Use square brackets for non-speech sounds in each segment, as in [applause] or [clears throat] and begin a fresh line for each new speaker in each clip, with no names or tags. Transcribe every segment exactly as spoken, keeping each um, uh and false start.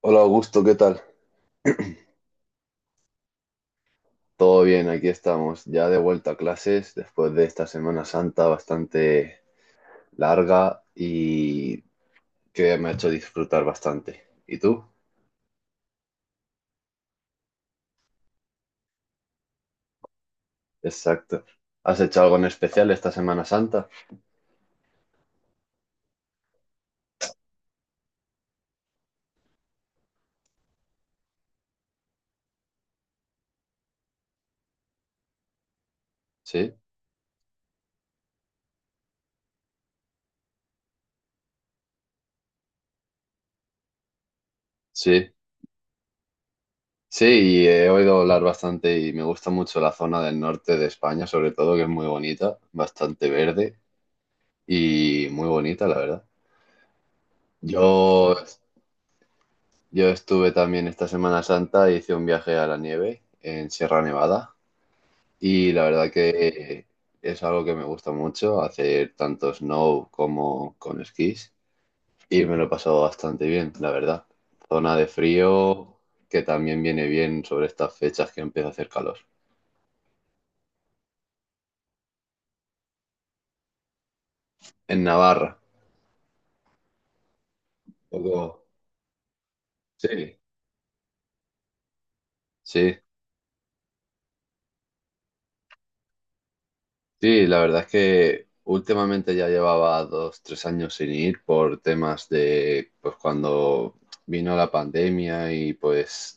Hola Augusto, ¿qué tal? Todo bien, aquí estamos, ya de vuelta a clases después de esta Semana Santa bastante larga y que me ha hecho disfrutar bastante. ¿Y tú? Exacto. ¿Has hecho algo en especial esta Semana Santa? Sí, sí, sí, y he oído hablar bastante y me gusta mucho la zona del norte de España, sobre todo, que es muy bonita, bastante verde y muy bonita, la verdad. Yo Yo estuve también esta Semana Santa, hice un viaje a la nieve en Sierra Nevada y la verdad que es algo que me gusta mucho, hacer tanto snow como con esquís y me lo he pasado bastante bien, la verdad. Zona de frío que también viene bien sobre estas fechas que empieza a hacer calor. En Navarra, un poco... Sí, sí. Sí, la verdad es que últimamente ya llevaba dos, tres años sin ir por temas de, pues cuando vino la pandemia y pues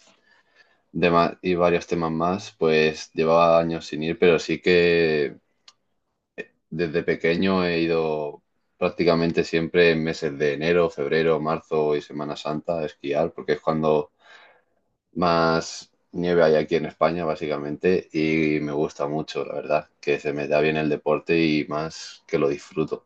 dema- y varios temas más, pues llevaba años sin ir, pero sí que desde pequeño he ido prácticamente siempre en meses de enero, febrero, marzo y Semana Santa a esquiar, porque es cuando más nieve hay aquí en España, básicamente, y me gusta mucho, la verdad, que se me da bien el deporte y más que lo disfruto.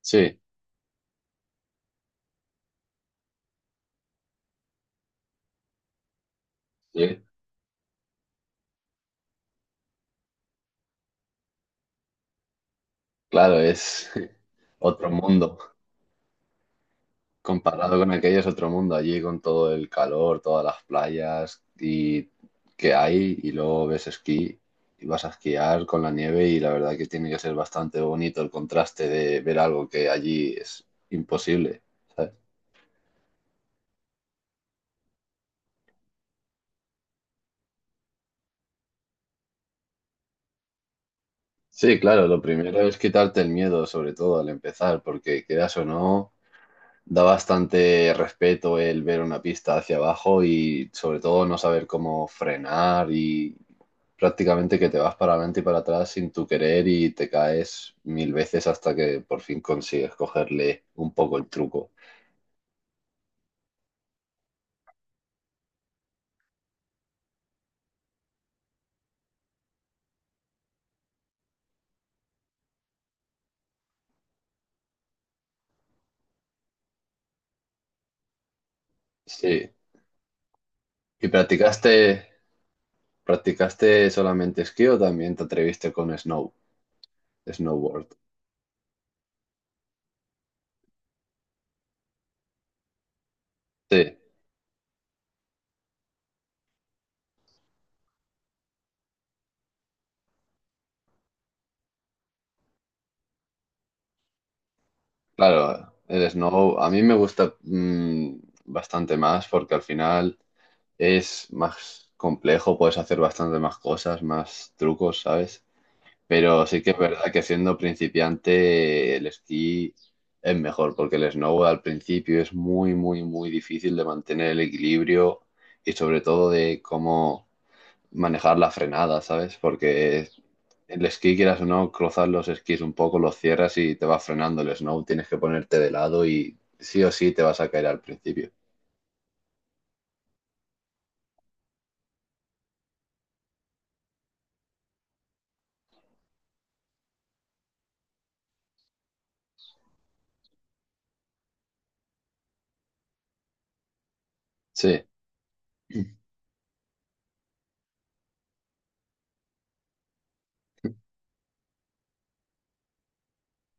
Sí, sí, claro, es [laughs] otro mundo. Comparado con aquello es otro mundo allí con todo el calor, todas las playas y que hay y luego ves esquí y vas a esquiar con la nieve y la verdad que tiene que ser bastante bonito el contraste de ver algo que allí es imposible, ¿sabes? Sí, claro, lo primero es quitarte el miedo, sobre todo al empezar, porque quieras o no. Da bastante respeto el ver una pista hacia abajo y sobre todo no saber cómo frenar y prácticamente que te vas para adelante y para atrás sin tu querer y te caes mil veces hasta que por fin consigues cogerle un poco el truco. Sí. ¿Y practicaste, practicaste solamente esquí o también te atreviste con snow, snowboard? Sí, claro, el snow a mí me gusta mm, bastante más porque al final es más complejo, puedes hacer bastante más cosas, más trucos, ¿sabes? Pero sí que es verdad que siendo principiante el esquí es mejor, porque el snowboard al principio es muy, muy, muy difícil de mantener el equilibrio y sobre todo de cómo manejar la frenada, ¿sabes? Porque el esquí, quieras o no, cruzas los esquís un poco, los cierras y te va frenando el snow, tienes que ponerte de lado y sí o sí te vas a caer al principio. Sí, [clears throat]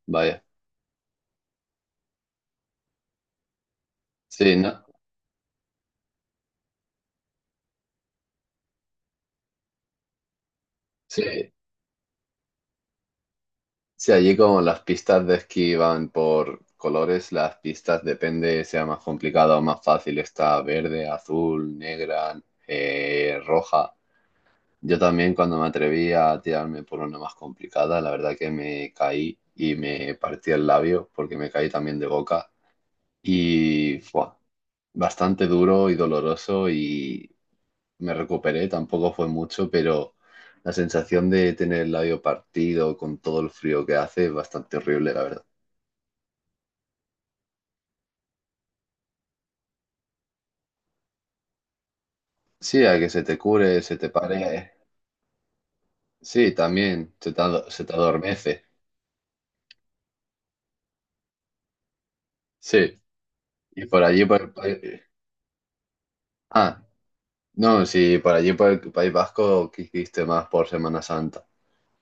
vaya. Sí, ¿no? Sí, sí, allí como las pistas de esquí van por colores, las pistas depende sea más complicada o más fácil, está verde, azul, negra, eh, roja. Yo también cuando me atreví a tirarme por una más complicada, la verdad que me caí y me partí el labio porque me caí también de boca y fue bastante duro y doloroso y me recuperé, tampoco fue mucho, pero la sensación de tener el labio partido con todo el frío que hace es bastante horrible, la verdad. Sí, a que se te cure, se te pare. Sí, también, se te, ado- se te adormece. Sí, y por allí, por el País... Ah, no, sí, por allí, por el País Vasco, ¿qué hiciste más por Semana Santa?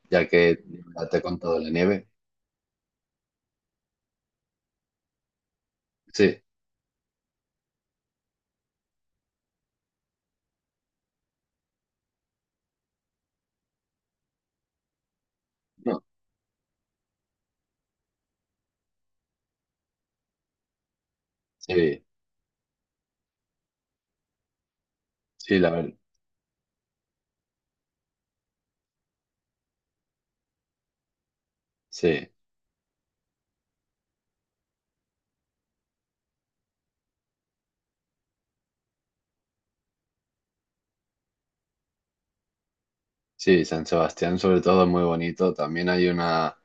Ya que ya te he contado la nieve. Sí, no, sí, sí, la verdad. Sí, sí, San Sebastián sobre todo es muy bonito. También hay una,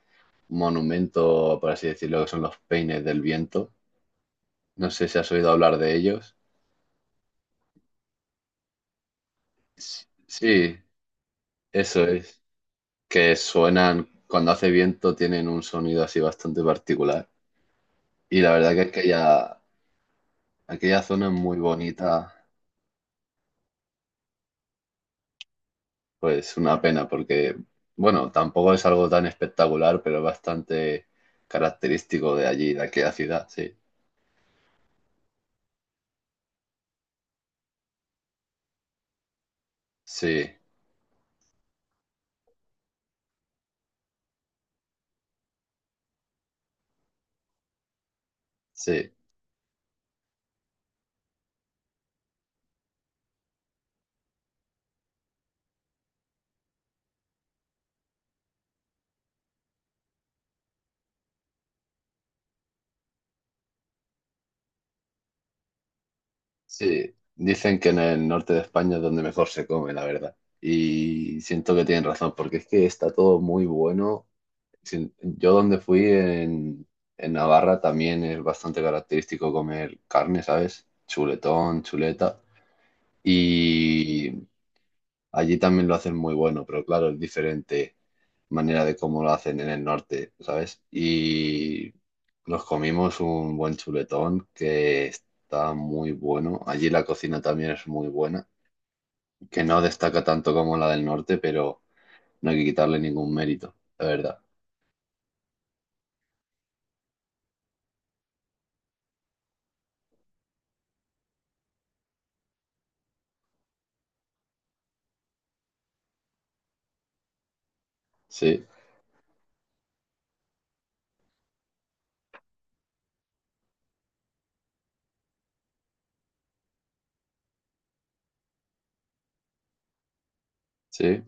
un monumento, por así decirlo, que son los Peines del Viento. No sé si has oído hablar de ellos. Sí, eso es. Que suenan cuando hace viento, tienen un sonido así bastante particular. Y la verdad que aquella, aquella zona es muy bonita, pues una pena, porque, bueno, tampoco es algo tan espectacular, pero es bastante característico de allí, de aquella ciudad, sí. Sí, sí, sí. Dicen que en el norte de España es donde mejor se come, la verdad. Y siento que tienen razón, porque es que está todo muy bueno. Sí, yo donde fui en, en Navarra también es bastante característico comer carne, ¿sabes? Chuletón, chuleta. Y allí también lo hacen muy bueno, pero claro, es diferente manera de cómo lo hacen en el norte, ¿sabes? Y nos comimos un buen chuletón que está muy bueno. Allí la cocina también es muy buena, que no destaca tanto como la del norte, pero no hay que quitarle ningún mérito, la verdad. Sí, sí,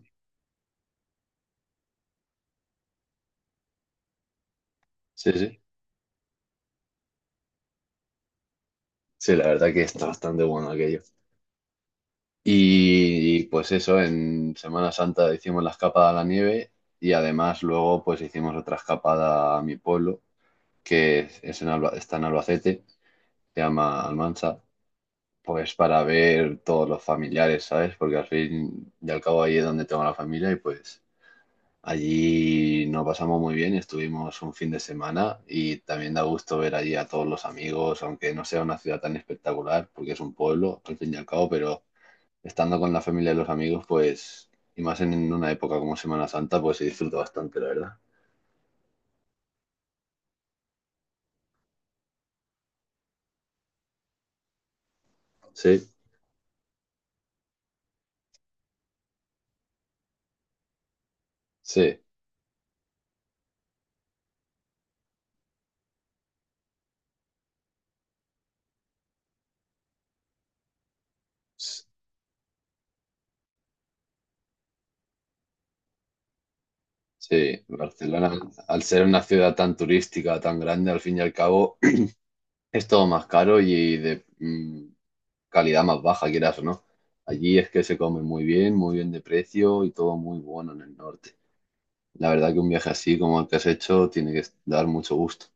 sí, sí. Sí, la verdad que está bastante bueno aquello. Y, y, pues eso, en Semana Santa hicimos la escapada a la nieve y además luego pues hicimos otra escapada a mi pueblo, que es, es en Alba- está en Albacete, se llama Almansa, pues para ver todos los familiares, ¿sabes? Porque al fin y al cabo ahí es donde tengo la familia y pues allí nos pasamos muy bien, estuvimos un fin de semana y también da gusto ver allí a todos los amigos, aunque no sea una ciudad tan espectacular, porque es un pueblo al fin y al cabo, pero estando con la familia y los amigos, pues, y más en en una época como Semana Santa, pues se disfruta bastante, la verdad. Sí, sí, s- sí. Barcelona, al ser una ciudad tan turística, tan grande, al fin y al cabo, [clears throat] es todo más caro y de mm, calidad más baja, quieras o no. Allí es que se come muy bien, muy bien de precio y todo muy bueno en el norte. La verdad que un viaje así como el que has hecho tiene que dar mucho gusto.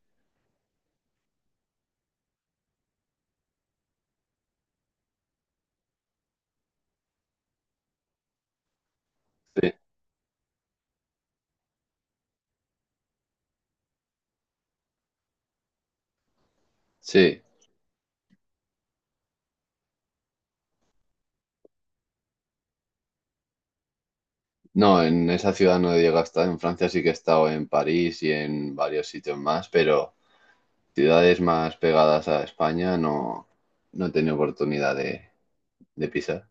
Sí, sí. No, en esa ciudad no he llegado a estar. En Francia sí que he estado en París y en varios sitios más, pero ciudades más pegadas a España no, no he tenido oportunidad de, de pisar.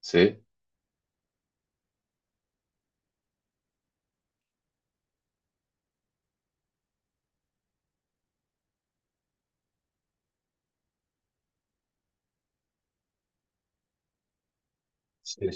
Sí, sí,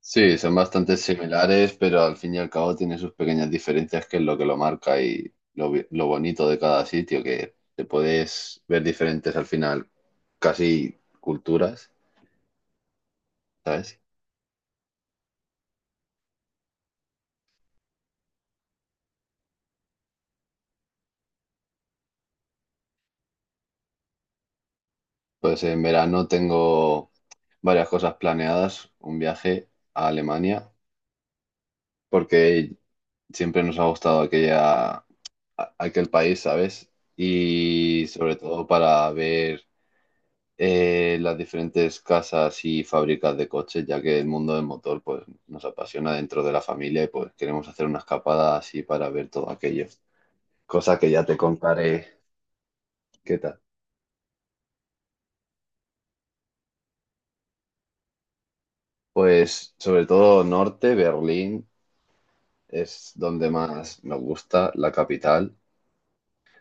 sí, son bastante similares, pero al fin y al cabo tienen sus pequeñas diferencias, que es lo que lo marca y lo, bi- lo bonito de cada sitio, que te puedes ver diferentes al final, casi culturas, ¿sabes? Pues en verano tengo varias cosas planeadas, un viaje a Alemania, porque siempre nos ha gustado aquella, a- aquel país, ¿sabes? Y sobre todo para ver eh, las diferentes casas y fábricas de coches, ya que el mundo del motor pues, nos apasiona dentro de la familia y pues queremos hacer una escapada así para ver todo aquello. Cosa que ya te contaré. ¿Qué tal? Pues sobre todo norte, Berlín, es donde más nos gusta, la capital.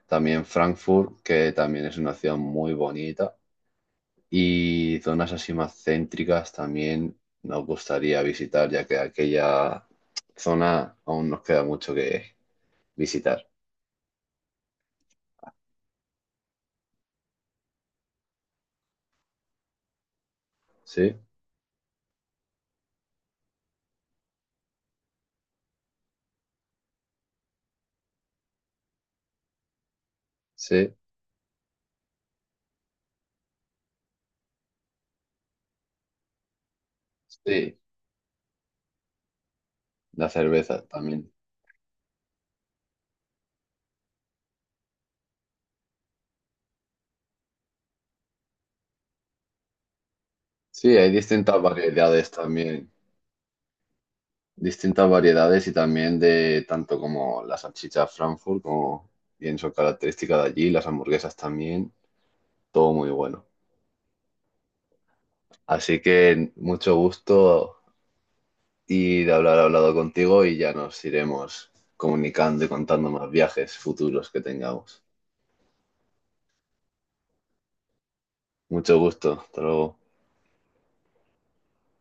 También Frankfurt, que también es una ciudad muy bonita. Y zonas así más céntricas también nos gustaría visitar, ya que aquella zona aún nos queda mucho que visitar. Sí, sí, sí. La cerveza también. Sí, hay distintas variedades también. Distintas variedades y también de tanto como la salchicha Frankfurt, como bien son características de allí, las hamburguesas también. Todo muy bueno. Así que mucho gusto y de hablar hablado contigo y ya nos iremos comunicando y contando más viajes futuros que tengamos. Mucho gusto, hasta luego.